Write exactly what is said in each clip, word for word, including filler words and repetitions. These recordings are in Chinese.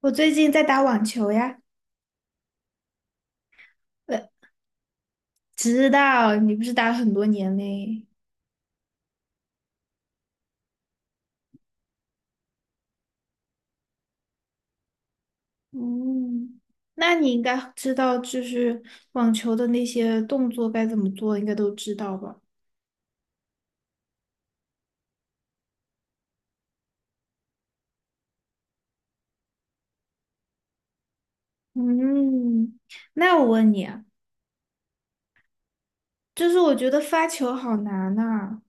我最近在打网球呀。呃，知道你不是打了很多年嘞。嗯，那你应该知道，就是网球的那些动作该怎么做，应该都知道吧？嗯，那我问你啊，就是我觉得发球好难呐。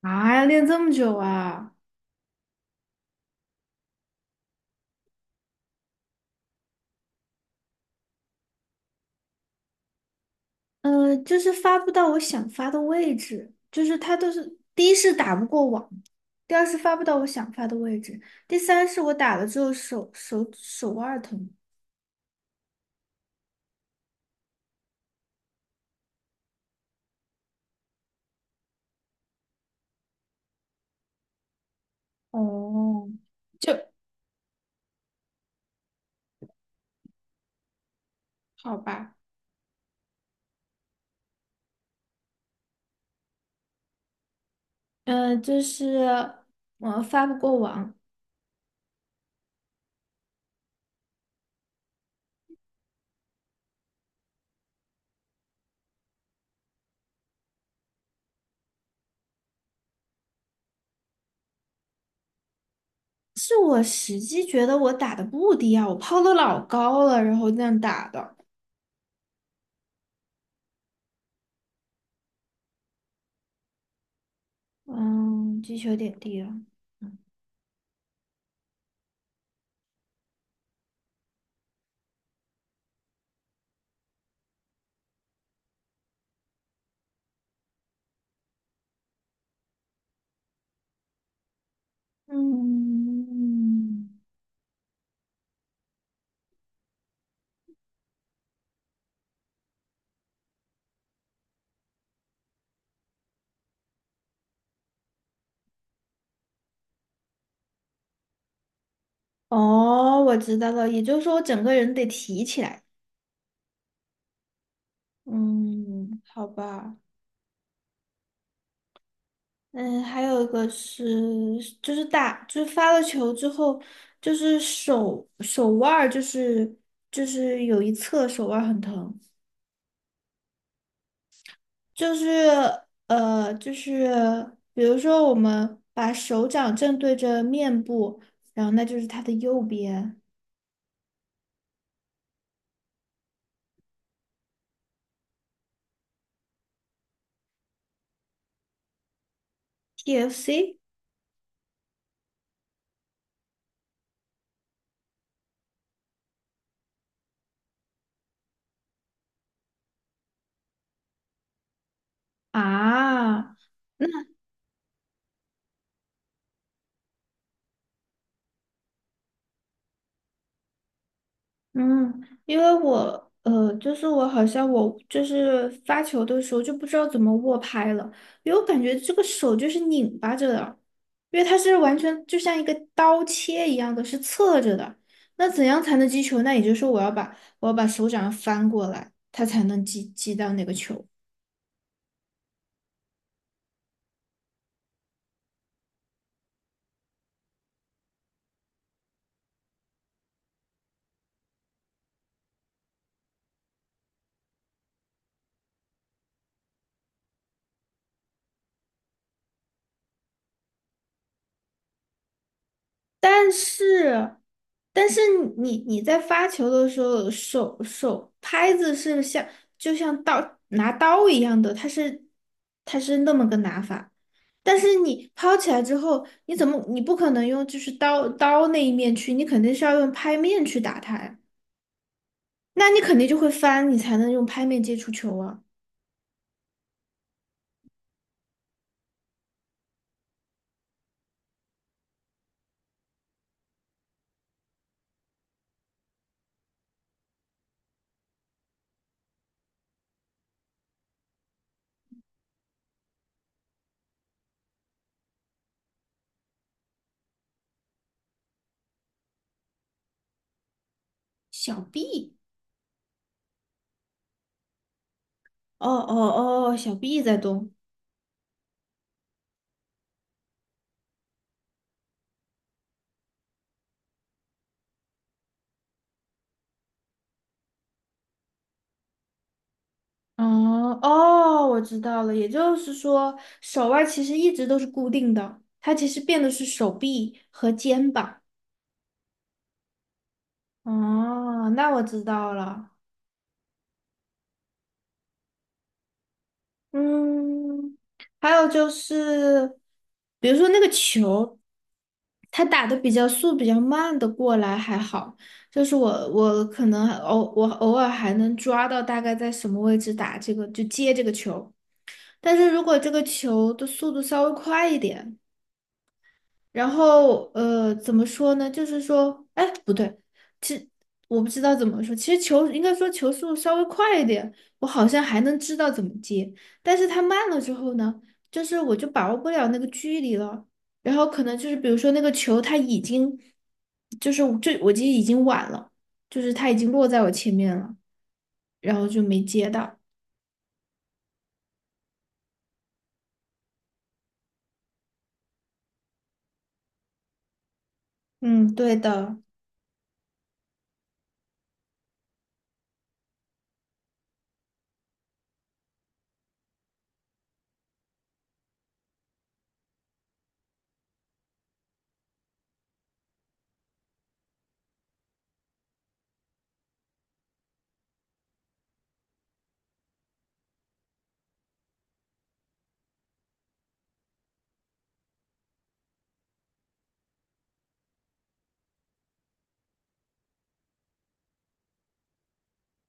啊，要练这么久啊？呃，就是发不到我想发的位置，就是它都是，第一是打不过网，第二是发不到我想发的位置，第三是我打了之后手手手腕儿疼。哦，就好吧。呃，就是我发不过网，是我实际觉得我打的不低啊，我抛的老高了，然后这样打的。嗯，击球点低了。嗯，哦，我知道了，也就是说我整个人得提起来。嗯，好吧。嗯，还有一个是，就是打，就是发了球之后，就是手手腕儿，就是就是有一侧手腕儿很疼，就是呃，就是比如说我们把手掌正对着面部，然后那就是它的右边，T F C 啊。嗯，因为我呃，就是我好像我就是发球的时候就不知道怎么握拍了，因为我感觉这个手就是拧巴着的，因为它是完全就像一个刀切一样的，是侧着的。那怎样才能击球？那也就是说我要把我要把手掌翻过来，它才能击击到那个球。但是，但是你你在发球的时候，手手拍子是像就像刀拿刀一样的，它是它是那么个拿法。但是你抛起来之后，你怎么你不可能用就是刀刀那一面去，你肯定是要用拍面去打它呀。那你肯定就会翻，你才能用拍面接触球啊。小臂，哦哦哦，小臂在动。哦哦，我知道了，也就是说，手腕其实一直都是固定的，它其实变的是手臂和肩膀。哦，那我知道了。嗯，还有就是，比如说那个球，它打的比较速、比较慢的过来还好，就是我我可能还偶我偶尔还能抓到大概在什么位置打这个，就接这个球。但是如果这个球的速度稍微快一点，然后呃，怎么说呢？就是说，哎，不对，其实我不知道怎么说。其实球应该说球速稍微快一点，我好像还能知道怎么接。但是它慢了之后呢，就是我就把握不了那个距离了。然后可能就是比如说那个球，它已经就是就我记得已经晚了，就是它已经落在我前面了，然后就没接到。嗯，对的。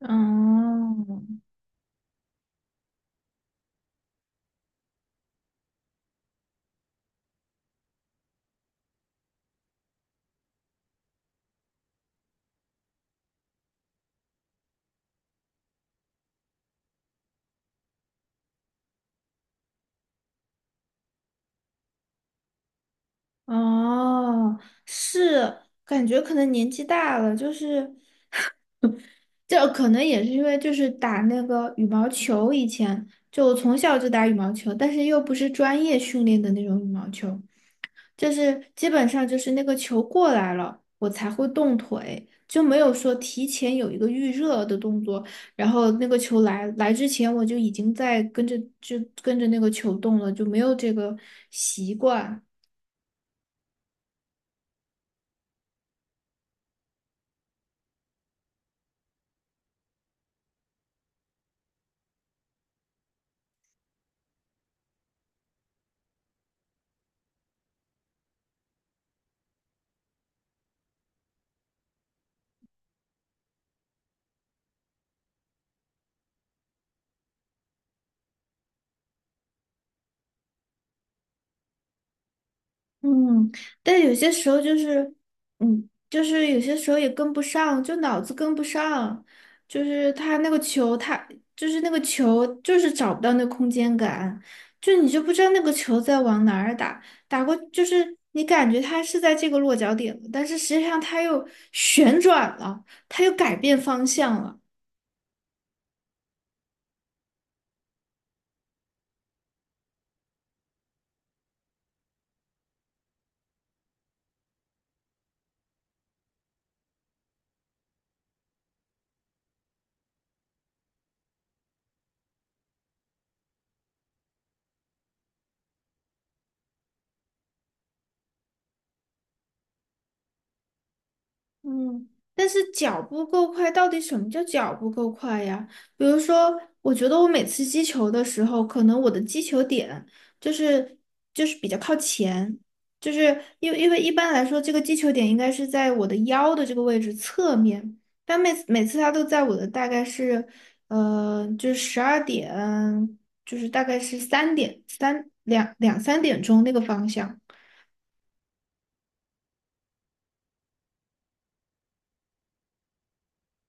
哦，哦，是，感觉可能年纪大了，就是，这可能也是因为就是打那个羽毛球，以前就从小就打羽毛球，但是又不是专业训练的那种羽毛球，就是基本上就是那个球过来了，我才会动腿，就没有说提前有一个预热的动作，然后那个球来来之前我就已经在跟着就跟着那个球动了，就没有这个习惯。嗯，但有些时候就是，嗯，就是有些时候也跟不上，就脑子跟不上，就是他那个球，他就是那个球，就是找不到那空间感，就你就不知道那个球在往哪儿打，打过就是你感觉它是在这个落脚点了但是实际上它又旋转了，它又改变方向了。嗯，但是脚步够快，到底什么叫脚步够快呀？比如说，我觉得我每次击球的时候，可能我的击球点就是就是比较靠前，就是因为因为一般来说，这个击球点应该是在我的腰的这个位置侧面，但每次每次它都在我的大概是呃，就是十二点，就是大概是三点三两两三点钟那个方向。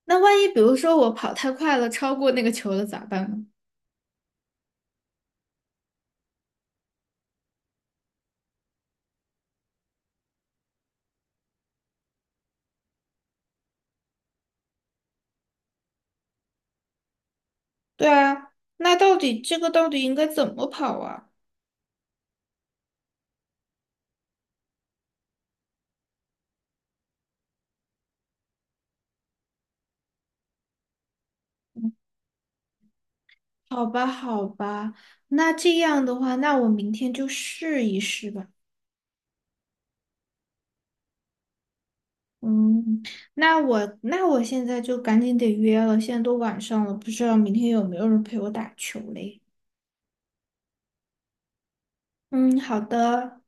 那万一比如说我跑太快了，超过那个球了咋办呢？对啊，那到底这个到底应该怎么跑啊？好吧，好吧，那这样的话，那我明天就试一试吧。嗯，那我那我现在就赶紧得约了，现在都晚上了，不知道明天有没有人陪我打球嘞？嗯，好的。